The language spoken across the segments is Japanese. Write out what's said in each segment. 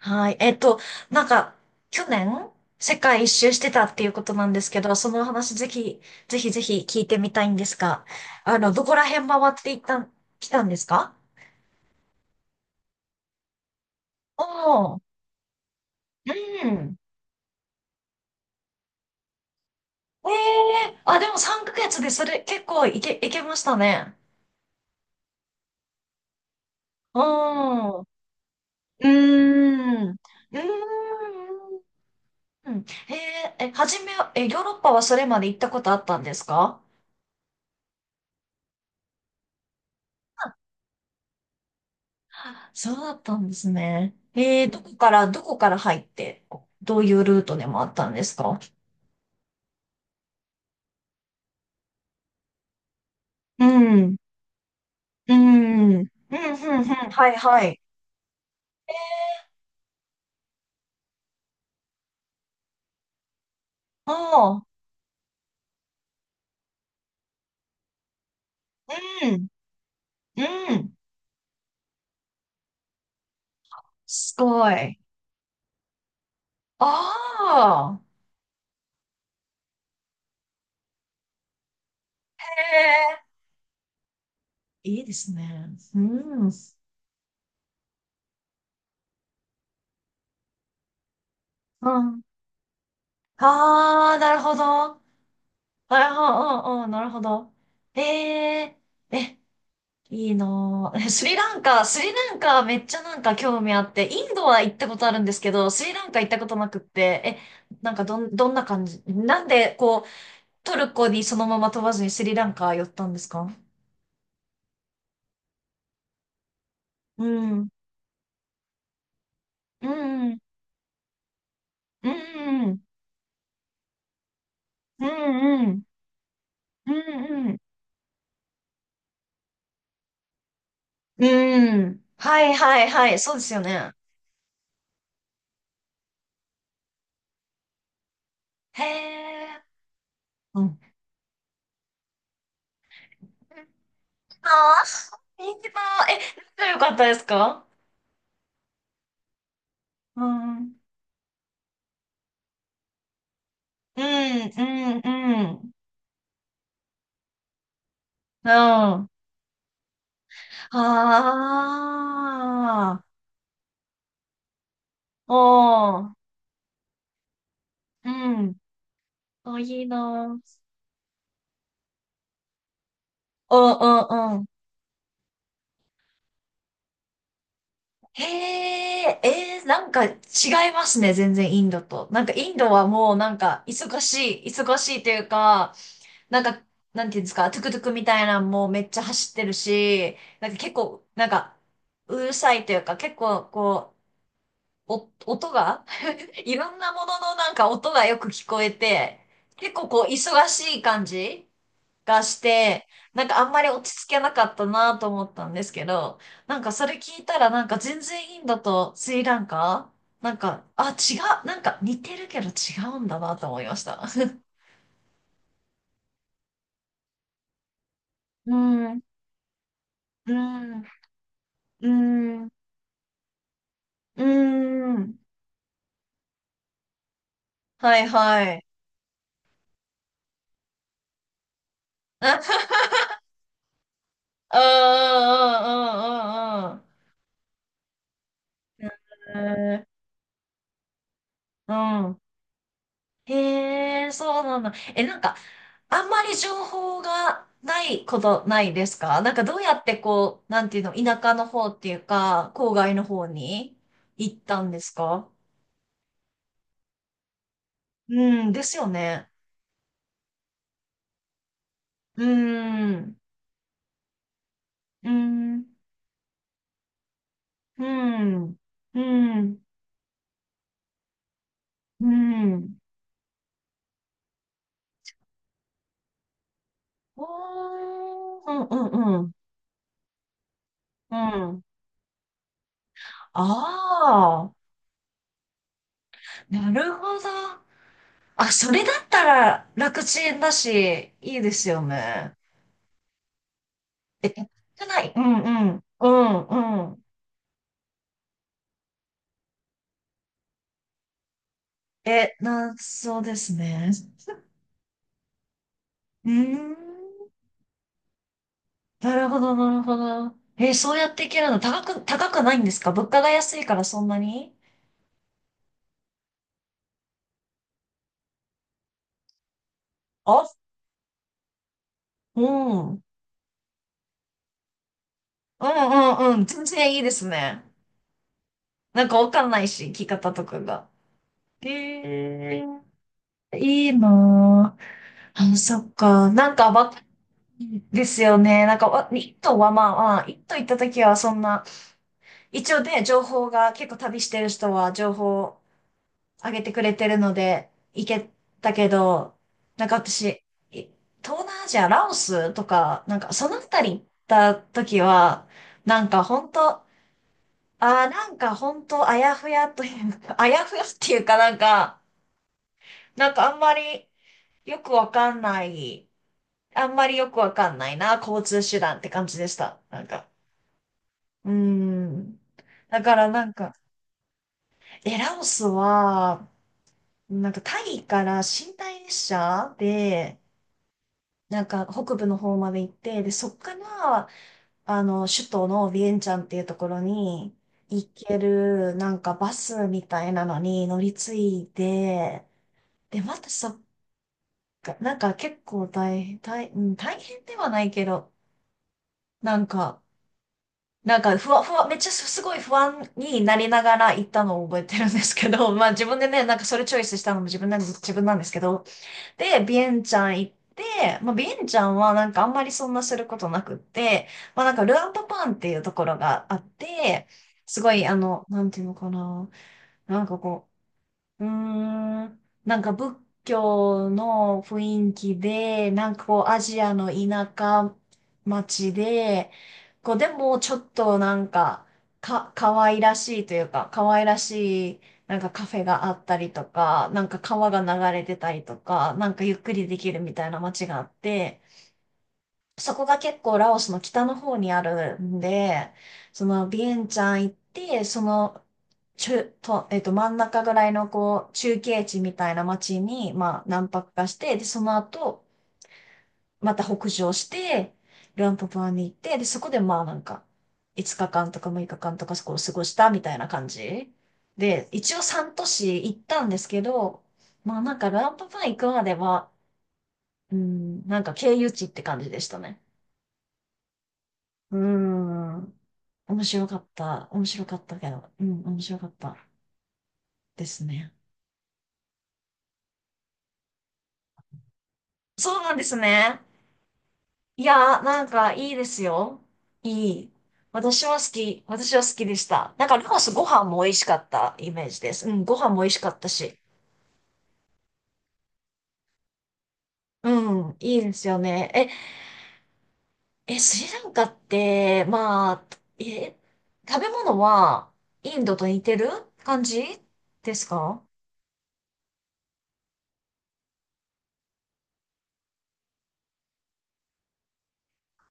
はい。なんか、去年、世界一周してたっていうことなんですけど、そのお話ぜひ、ぜひぜひ聞いてみたいんですが、どこら辺回っていったん、来たんですか？おー、うん。えでも3ヶ月でそれ結構いけましたね。うん。うーん。うーん。えーえ、はじめ、え、ヨーロッパはそれまで行ったことあったんですか？そうだったんですね。えー、どこから、どこから入って、こうどういうルートでもあったんですか？うん、うん、うん、うん、うん、はいはい。ああ、うん、うん、すごい。ああ、へえ、いいですね。うん、うん。ああ、なるほど。ああ、うん、うん、うんなるほど。ええ、え、いいなぁ。スリランカ、スリランカめっちゃなんか興味あって、インドは行ったことあるんですけど、スリランカ行ったことなくって、え、どんな感じなんでこう、トルコにそのまま飛ばずにスリランカ寄ったんですか？うん。うん。うん。うん。うん。うん。うん。うんはいはいはい。そうですよね。へえ。うん。ああ、いいなぁ。え、仲良かったですか？うん。うん。うん。うん。うん。ああ。おー。うん。お、いいな。うんうんうん。へえ、えー、なんか違いますね、全然インドと。なんかインドはもうなんか忙しいというか、なんか、なんていうんですか、トゥクトゥクみたいなのもめっちゃ走ってるし、なんか結構、なんか、うるさいというか、結構こう、お、音が、いろんなもののなんか音がよく聞こえて、結構こう忙しい感じがして、なんかあんまり落ち着けなかったなと思ったんですけど、なんかそれ聞いたらなんか全然インドとスリランカ違う、なんか似てるけど違うんだなと思いました。うん、うん、うん、うん。はいはい。うんうんうんうんうん。えーうん。へえ、そうなんだ。え、なんか、あんまり情報がないことないですか？なんかどうやってこう、なんていうの、田舎の方っていうか、郊外の方に行ったんですか？うん、ですよね。うーん、うーん、うーん、うーん、うーん。おー、うん、うん、うん。うんああー、なるほど。あ、それだったら楽ちんだし、いいですよね。え、じゃない。うんうん。うんうん。え、な、そうですね。うーん。なるほど、なるほど。え、そうやっていけるの高く、高くないんですか？物価が安いからそんなにあ、うん。うんうんうん。全然いいですね。なんかわかんないし、聞き方とかが。えー、いいなぁ。あ、そっか。なんかわですよね。なんかわ、一頭はまあまあ、一頭行った時はそんな、一応ね、情報が結構旅してる人は情報を上げてくれてるので行けたけど、なんか私、い東南アジア、ラオスとか、なんかそのあたり行った時は、なんか本当、ああ、なんか本当あやふやというか、あやふやっていうかなんか、なんかあんまりよくわかんない、あんまりよくわかんないな、交通手段って感じでした。なんか、うーん。だからなんか、え、ラオスは、なんかタイから寝台列車で、なんか北部の方まで行って、で、そっから、あの、首都のビエンチャンっていうところに行ける、なんかバスみたいなのに乗り継いで、で、またそっか、なんか結構大変、大、うん大変ではないけど、なんか、ふわふわ、めっちゃすすごい不安になりながら行ったのを覚えてるんですけど、まあ自分でね、なんかそれチョイスしたのも自分なんです、自分なんですけど、で、ビエンチャン行って、まあ、ビエンチャンはなんかあんまりそんなすることなくって、まあ、なんかルアンパパンっていうところがあって、すごいあの、なんていうのかな、なんかこう、うーん。なんか仏教の雰囲気で、なんかこうアジアの田舎町で、こうでもちょっとなんか可愛らしいというか、可愛らしいなんかカフェがあったりとか、なんか川が流れてたりとか、なんかゆっくりできるみたいな街があって、そこが結構ラオスの北の方にあるんで、そのビエンチャン行って、その中、と、えっと、真ん中ぐらいのこう、中継地みたいな街に、まあ、何泊かして、で、その後、また北上して、ルアンププアに行って、で、そこでまあなんか、5日間とか6日間とかそこを過ごしたみたいな感じ。で、一応3都市行ったんですけど、まあなんかルアンププア行くまでは、うん、なんか経由地って感じでしたね。うーん。面白かった。面白かったけど。うん、面白かったですね。そうなんですね。いやー、なんかいいですよ。いい。私は好き。私は好きでした。なんか、ラオスご飯も美味しかったイメージです。うん、ご飯も美味しかったし。うん、いいですよね。え、スリランカって、まあ、え、食べ物はインドと似てる感じですか？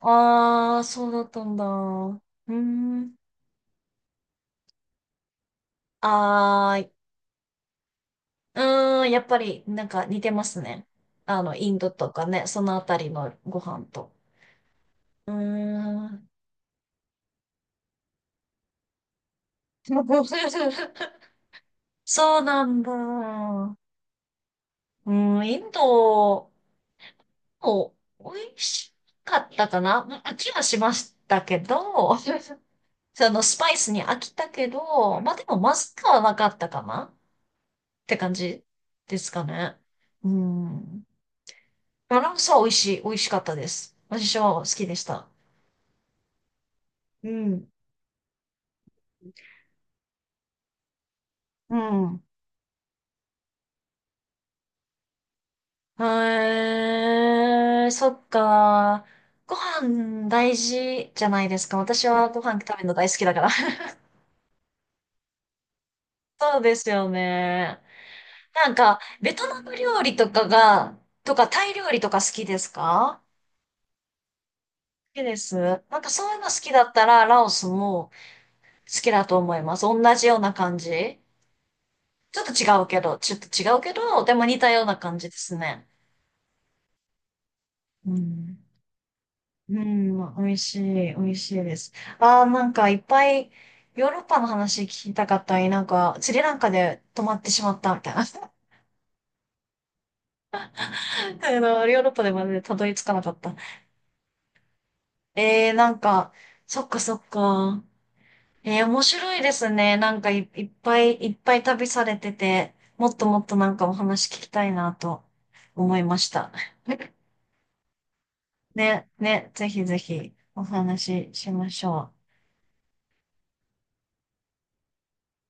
ああー、そうだったんだ。うーん。あーい、うーん、やっぱりなんか似てますね。あの、インドとかね、そのあたりのご飯と。うーん。そうなんだ。うん、インドも美味しかったかな。うん飽きはしましたけど、そのスパイスに飽きたけど、まあでもまずくはなかったかなって感じですかね。うん。バランスは美味しい、美味しかったです。私は好きでした。うん。うん。へえ、そっか。ご飯大事じゃないですか。私はご飯食べるの大好きだから。そうですよね。なんか、ベトナム料理とかが、とかタイ料理とか好きですか？好きです。なんかそういうの好きだったら、ラオスも好きだと思います。同じような感じ。ちょっと違うけど、でも似たような感じですね。うん。うん、まあ美味しい、美味しいです。ああ、なんかいっぱいヨーロッパの話聞きたかったり、なんかスリランカで止まってしまったみたいな。あの、ヨーロッパでまでたどり着かなかった。えー、なんか、そっかそっか。えー、面白いですね。いっぱいいっぱい旅されてて、もっともっとなんかお話聞きたいなと思いました。ね、ね、ぜひぜひお話ししましょう。